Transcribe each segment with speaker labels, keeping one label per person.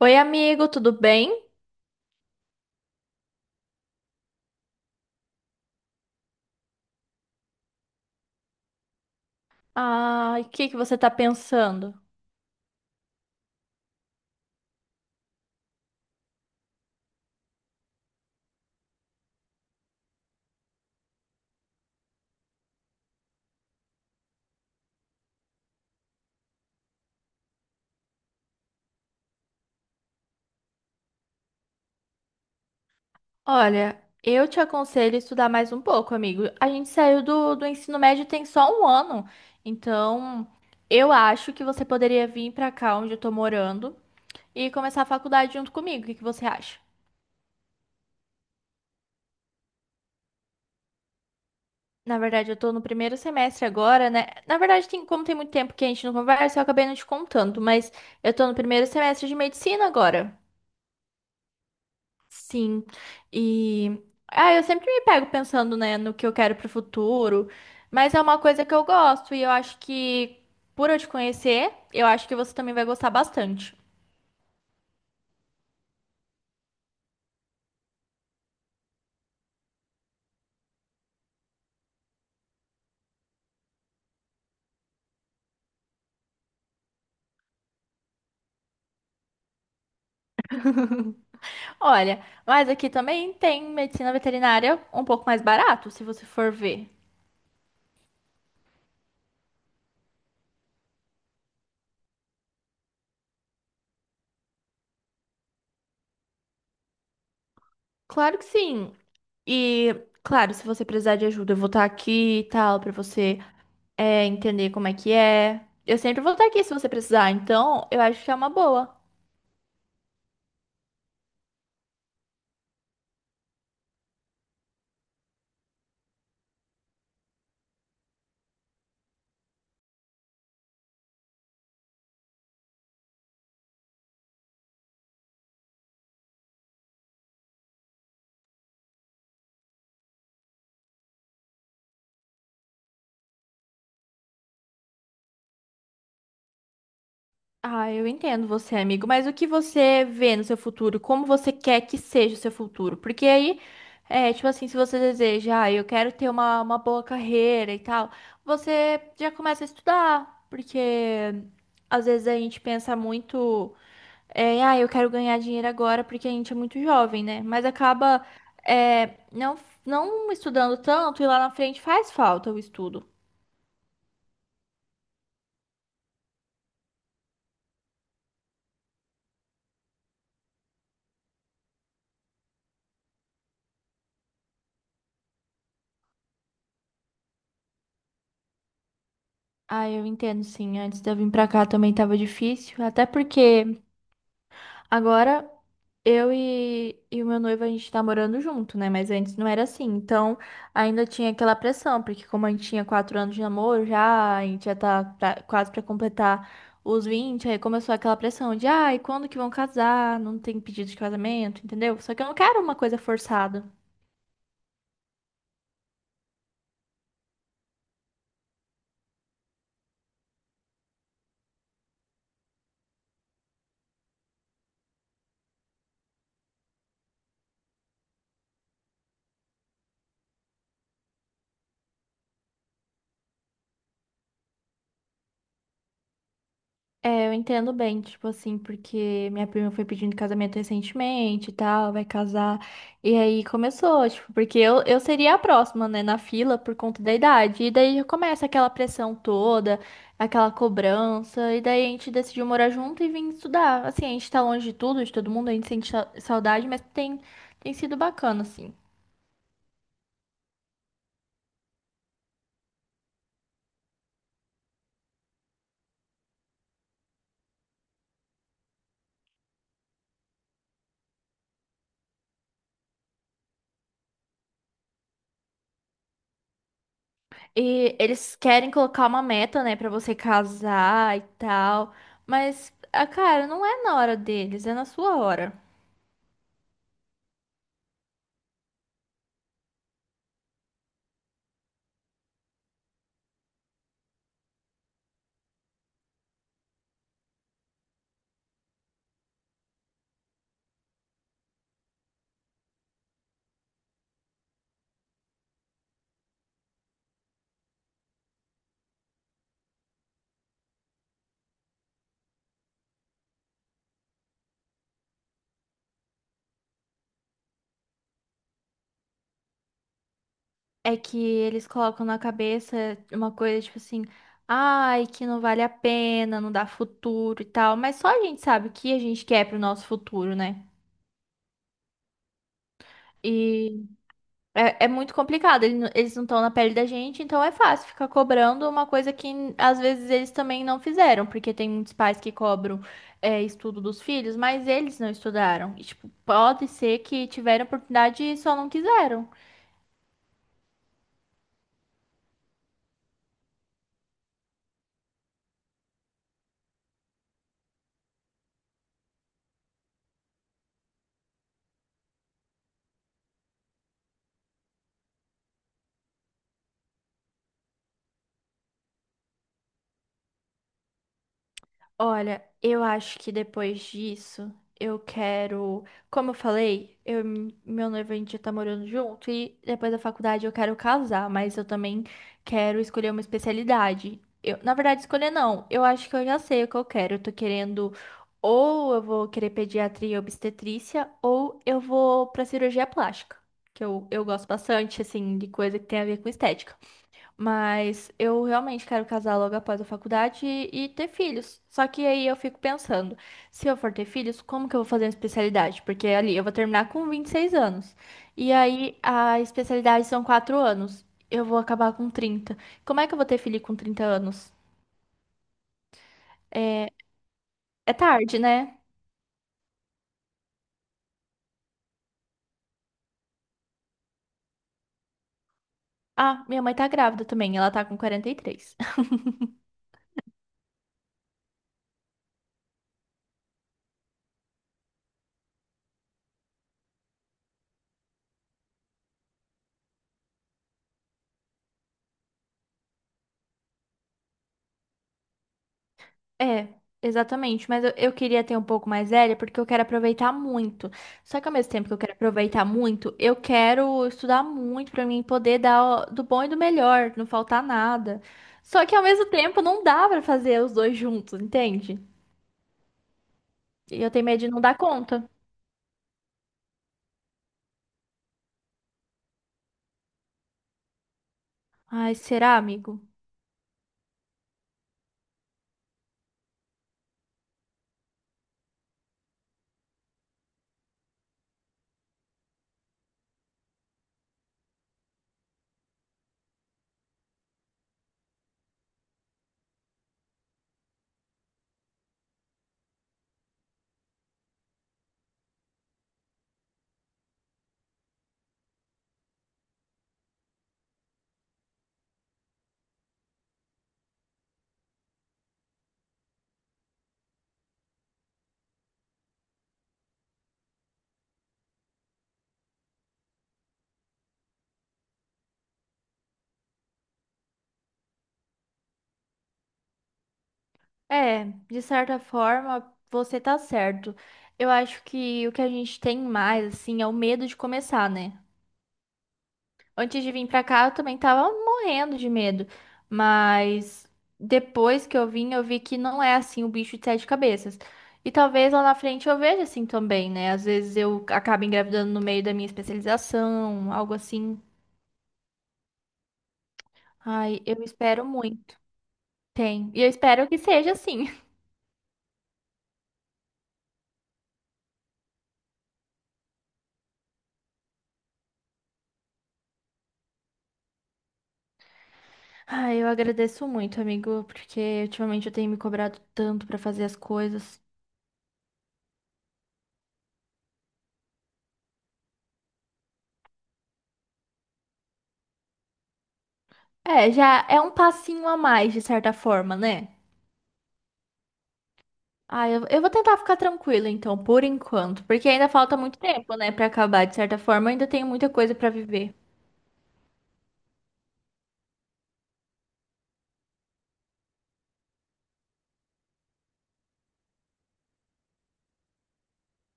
Speaker 1: Oi, amigo, tudo bem? Ai, o que que você tá pensando? Olha, eu te aconselho a estudar mais um pouco, amigo. A gente saiu do ensino médio tem só 1 ano, então eu acho que você poderia vir pra cá onde eu tô morando e começar a faculdade junto comigo. O que que você acha? Na verdade, eu tô no primeiro semestre agora, né? Na verdade, tem, como tem muito tempo que a gente não conversa, eu acabei não te contando, mas eu tô no primeiro semestre de medicina agora. Sim. E ah, eu sempre me pego pensando, né, no que eu quero pro futuro, mas é uma coisa que eu gosto e eu acho que por eu te conhecer, eu acho que você também vai gostar bastante. Olha, mas aqui também tem medicina veterinária um pouco mais barato, se você for ver. Claro que sim. E claro, se você precisar de ajuda, eu vou estar aqui e tal pra você é, entender como é que é. Eu sempre vou estar aqui se você precisar, então eu acho que é uma boa. Ah, eu entendo você, amigo, mas o que você vê no seu futuro? Como você quer que seja o seu futuro? Porque aí, é, tipo assim, se você deseja, ah, eu quero ter uma boa carreira e tal, você já começa a estudar, porque às vezes a gente pensa muito, é, ah, eu quero ganhar dinheiro agora porque a gente é muito jovem, né? Mas acaba, é, não, não estudando tanto e lá na frente faz falta o estudo. Ah, eu entendo, sim. Antes de eu vir pra cá também tava difícil. Até porque agora, eu e o meu noivo, a gente tá morando junto, né? Mas antes não era assim. Então, ainda tinha aquela pressão, porque como a gente tinha 4 anos de namoro já, a gente já tá quase pra completar os 20, aí começou aquela pressão de, ai, quando que vão casar? Não tem pedido de casamento, entendeu? Só que eu não quero uma coisa forçada. É, eu entendo bem, tipo assim, porque minha prima foi pedindo casamento recentemente e tal, vai casar. E aí começou, tipo, porque eu seria a próxima, né, na fila por conta da idade. E daí já começa aquela pressão toda, aquela cobrança. E daí a gente decidiu morar junto e vir estudar. Assim, a gente tá longe de tudo, de todo mundo, a gente sente saudade, mas tem, tem sido bacana, assim. E eles querem colocar uma meta, né, pra você casar e tal. Mas, ah, cara, não é na hora deles, é na sua hora. É que eles colocam na cabeça uma coisa tipo assim, ai, que não vale a pena, não dá futuro e tal. Mas só a gente sabe o que a gente quer pro nosso futuro, né? E É, é muito complicado, eles não estão na pele da gente, então é fácil ficar cobrando uma coisa que às vezes eles também não fizeram, porque tem muitos pais que cobram é, estudo dos filhos, mas eles não estudaram. E, tipo, pode ser que tiveram oportunidade e só não quiseram. Olha, eu acho que depois disso, eu quero. Como eu falei, eu, e meu noivo a gente já tá morando junto e depois da faculdade eu quero casar, mas eu também quero escolher uma especialidade. Eu, na verdade, escolher não. Eu acho que eu já sei o que eu quero. Eu tô querendo. Ou eu vou querer pediatria e obstetrícia, ou eu vou pra cirurgia plástica, que eu gosto bastante, assim, de coisa que tem a ver com estética. Mas eu realmente quero casar logo após a faculdade e ter filhos. Só que aí eu fico pensando, se eu for ter filhos, como que eu vou fazer uma especialidade? Porque ali eu vou terminar com 26 anos. E aí a especialidade são 4 anos. Eu vou acabar com 30. Como é que eu vou ter filho com 30 anos? É, é tarde, né? Ah, minha mãe tá grávida também, ela tá com 43. É, exatamente. Mas eu queria ter um pouco mais velha porque eu quero aproveitar muito. Só que ao mesmo tempo que eu quero aproveitar muito, eu quero estudar muito pra mim poder dar do bom e do melhor, não faltar nada. Só que ao mesmo tempo não dá pra fazer os dois juntos, entende? E eu tenho medo de não dar conta. Ai, será, amigo? É, de certa forma, você tá certo. Eu acho que o que a gente tem mais, assim, é o medo de começar, né? Antes de vir pra cá, eu também tava morrendo de medo. Mas depois que eu vim, eu vi que não é assim o bicho de sete cabeças. E talvez lá na frente eu veja assim também, né? Às vezes eu acabo engravidando no meio da minha especialização, algo assim. Ai, eu espero muito. Tem. E eu espero que seja assim. Ai, eu agradeço muito, amigo, porque ultimamente eu tenho me cobrado tanto pra fazer as coisas. É, já é um passinho a mais, de certa forma, né? Ah, eu vou tentar ficar tranquila então, por enquanto, porque ainda falta muito tempo, né, pra acabar. De certa forma, eu ainda tenho muita coisa pra viver.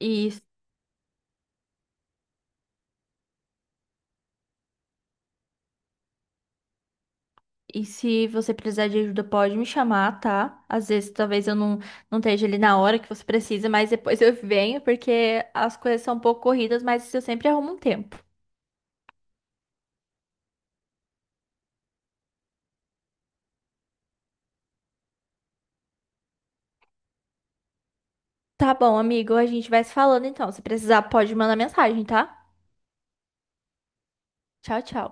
Speaker 1: E, e se você precisar de ajuda, pode me chamar, tá? Às vezes, talvez eu não, não esteja ali na hora que você precisa, mas depois eu venho, porque as coisas são um pouco corridas, mas eu sempre arrumo um tempo. Tá bom, amigo, a gente vai se falando então. Se precisar, pode mandar mensagem, tá? Tchau, tchau.